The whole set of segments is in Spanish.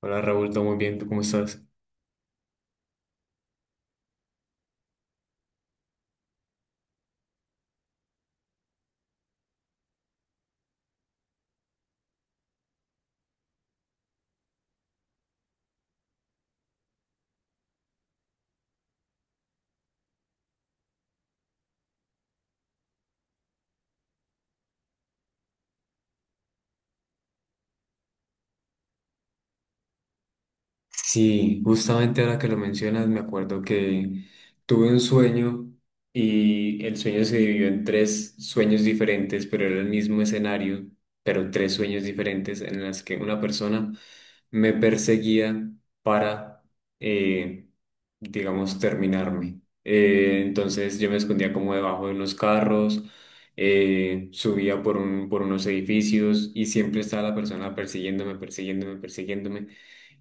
Hola Raúl, todo muy bien, ¿tú cómo estás? Sí, justamente ahora que lo mencionas, me acuerdo que tuve un sueño y el sueño se dividió en tres sueños diferentes, pero era el mismo escenario, pero tres sueños diferentes en las que una persona me perseguía para, eh, digamos, terminarme. Entonces yo me escondía como debajo de unos carros, subía por unos edificios y siempre estaba la persona persiguiéndome, persiguiéndome, persiguiéndome.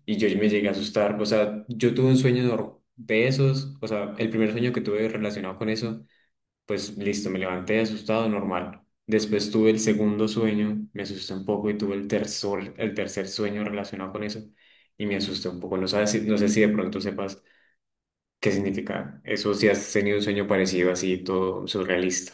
Y yo me llegué a asustar. O sea, yo tuve un sueño nor- de esos. O sea, el primer sueño que tuve relacionado con eso, pues listo, me levanté asustado, normal. Después tuve el segundo sueño, me asusté un poco y tuve el tercer sueño relacionado con eso y me asusté un poco. No sé si de pronto sepas qué significa eso, si has tenido un sueño parecido así, todo surrealista.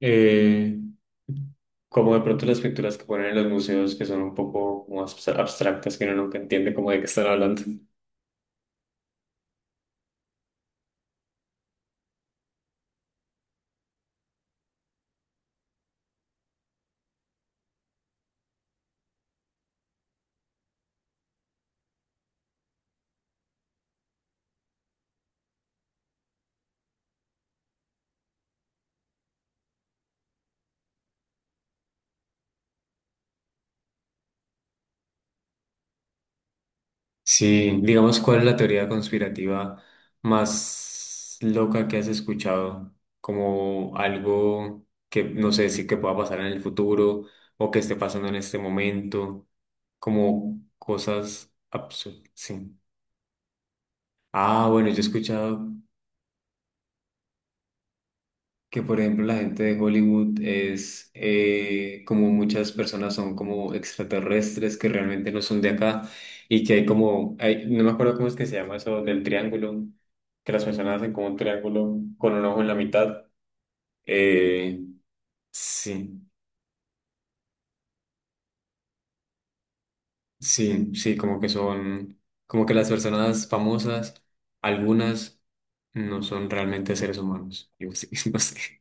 Eh, Como de pronto las pinturas que ponen en los museos que son un poco como abstractas que uno nunca entiende como de qué están hablando. Sí, digamos, ¿cuál es la teoría conspirativa más loca que has escuchado? Como algo que no sé si que pueda pasar en el futuro o que esté pasando en este momento, como cosas absurdas. Sí. Ah, bueno, yo he escuchado que por ejemplo la gente de Hollywood es como muchas personas son como extraterrestres que realmente no son de acá y que hay como, no me acuerdo cómo es que se llama eso del triángulo, que las personas hacen como un triángulo con un ojo en la mitad. Eh, sí, sí, sí, como que son, como que las personas famosas, algunas no son realmente seres humanos. Yo sí, no sé.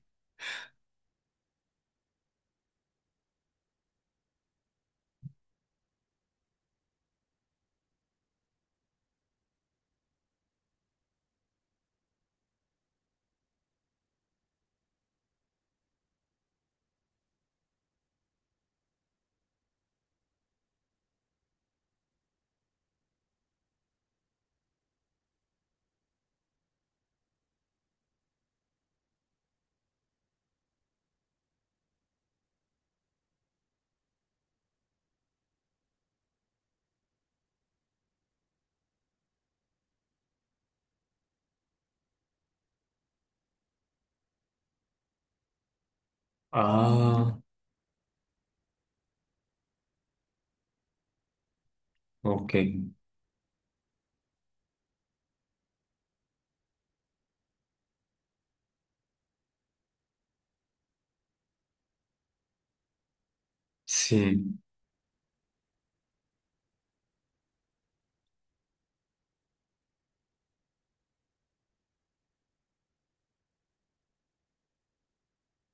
Ah, ok, sí.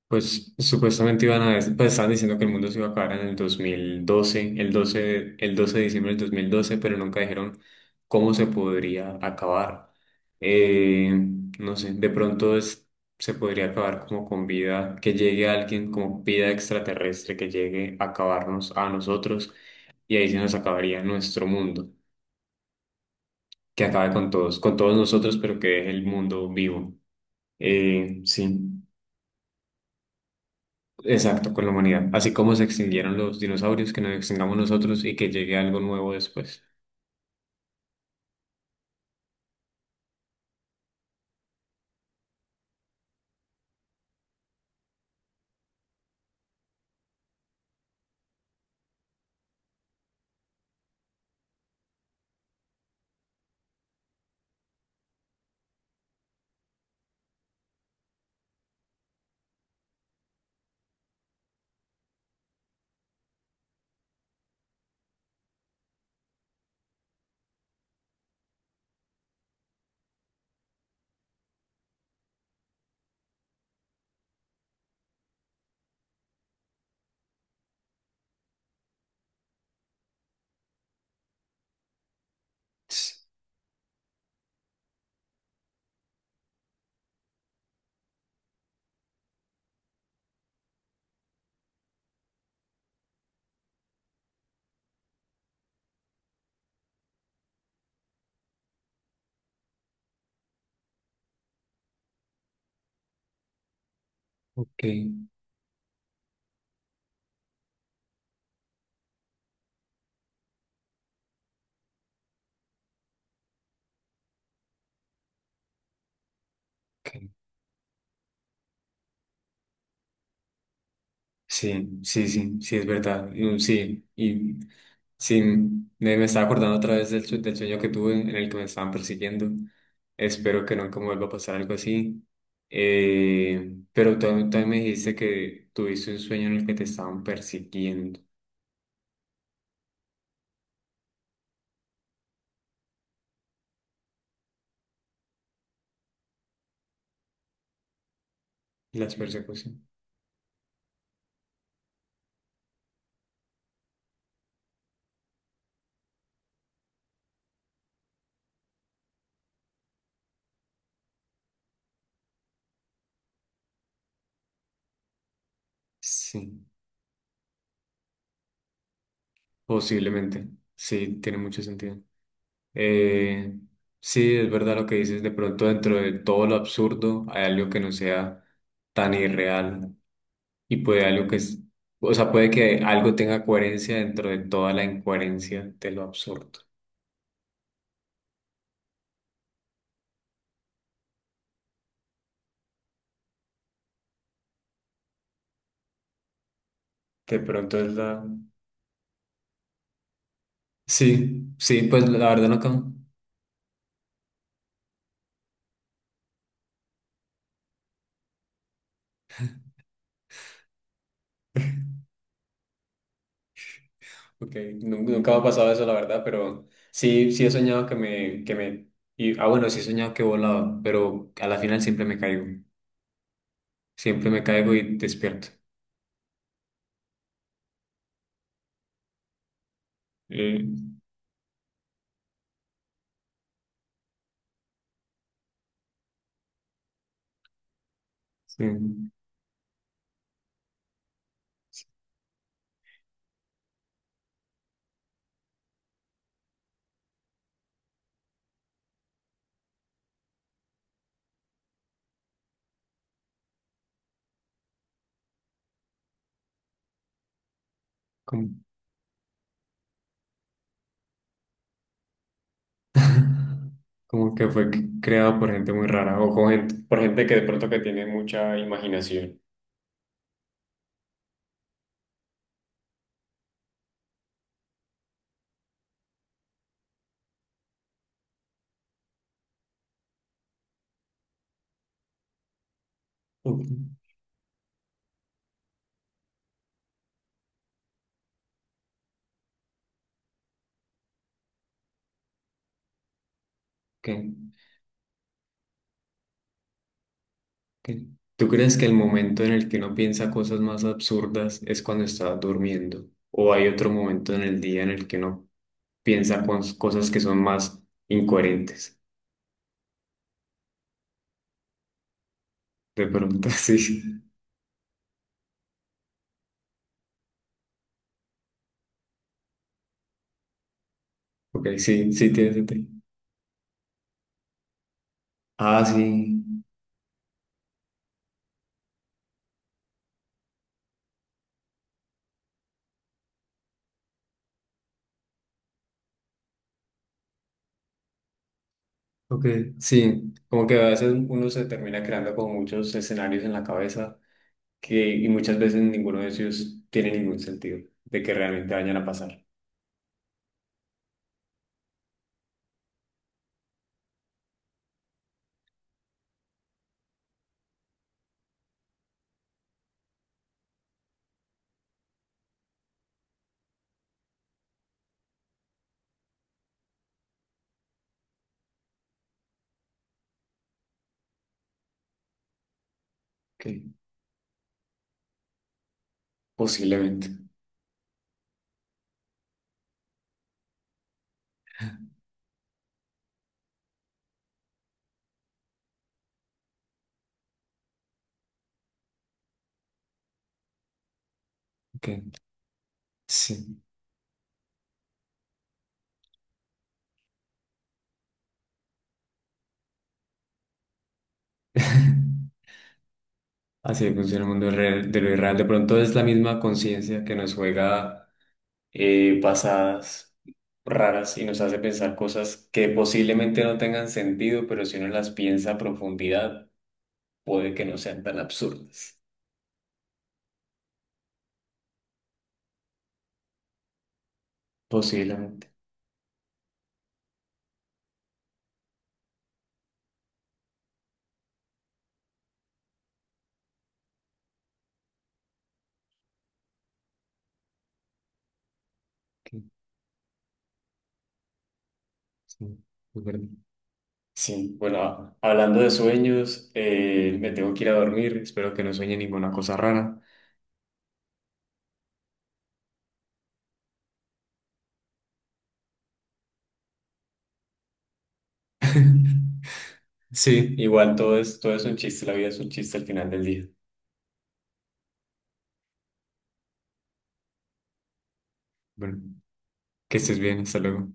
Pues supuestamente iban a, pues estaban diciendo que el mundo se iba a acabar en el 2012, el 12, el 12 de diciembre del 2012, pero nunca dijeron cómo se podría acabar. Eh, no sé, de pronto se podría acabar como con vida, que llegue alguien como vida extraterrestre, que llegue a acabarnos a nosotros y ahí se nos acabaría nuestro mundo, que acabe con todos nosotros, pero que deje el mundo vivo. Sí. Exacto, con la humanidad. Así como se extinguieron los dinosaurios, que nos extingamos nosotros y que llegue algo nuevo después. Tss, ok, ok. Sí, sí, sí, sí, es verdad. Sí, y sí, me estaba acordando otra vez del sueño que tuve en el que me estaban persiguiendo. Espero que nunca me vuelva a pasar algo así. Pero tú también me dijiste que tuviste un sueño en el que te estaban persiguiendo. Las persecuciones. Sí, posiblemente. Sí, tiene mucho sentido. Eh, sí, es verdad lo que dices, de pronto dentro de todo lo absurdo hay algo que no sea tan irreal y puede algo que es, o sea, puede que algo tenga coherencia dentro de toda la incoherencia de lo absurdo. De pronto es la... Sí, sí, pues la verdad nunca, okay, nunca me ha pasado eso, la verdad, pero sí, sí he soñado y, ah, bueno, sí he soñado que he volado, pero a la final siempre me caigo y despierto. Eh, sí. Como que fue creado por gente muy rara o con por gente que de pronto que tiene mucha imaginación. Ujú. ¿Qué? ¿Qué? ¿Tú crees que el momento en el que uno piensa cosas más absurdas es cuando está durmiendo? ¿O hay otro momento en el día en el que uno piensa cosas que son más incoherentes? De pronto, sí. Ok, sí, sí tiene sentido. Ah, sí. Ok, sí. Como que a veces uno se termina creando con muchos escenarios en la cabeza que, y muchas veces ninguno de ellos tiene ningún sentido de que realmente vayan a pasar. Ok, posiblemente. Ok, sí. Así funciona el mundo real, de lo irreal. De pronto es la misma conciencia que nos juega pasadas raras y nos hace pensar cosas que posiblemente no tengan sentido, pero si uno las piensa a profundidad, puede que no sean tan absurdas. Posiblemente. Ok, sí, es verdad. Sí, bueno, hablando de sueños, me tengo que ir a dormir, espero que no sueñe ninguna cosa rara. Sí, igual todo es un chiste, la vida es un chiste al final del día. Bueno, que estés bien, hasta luego.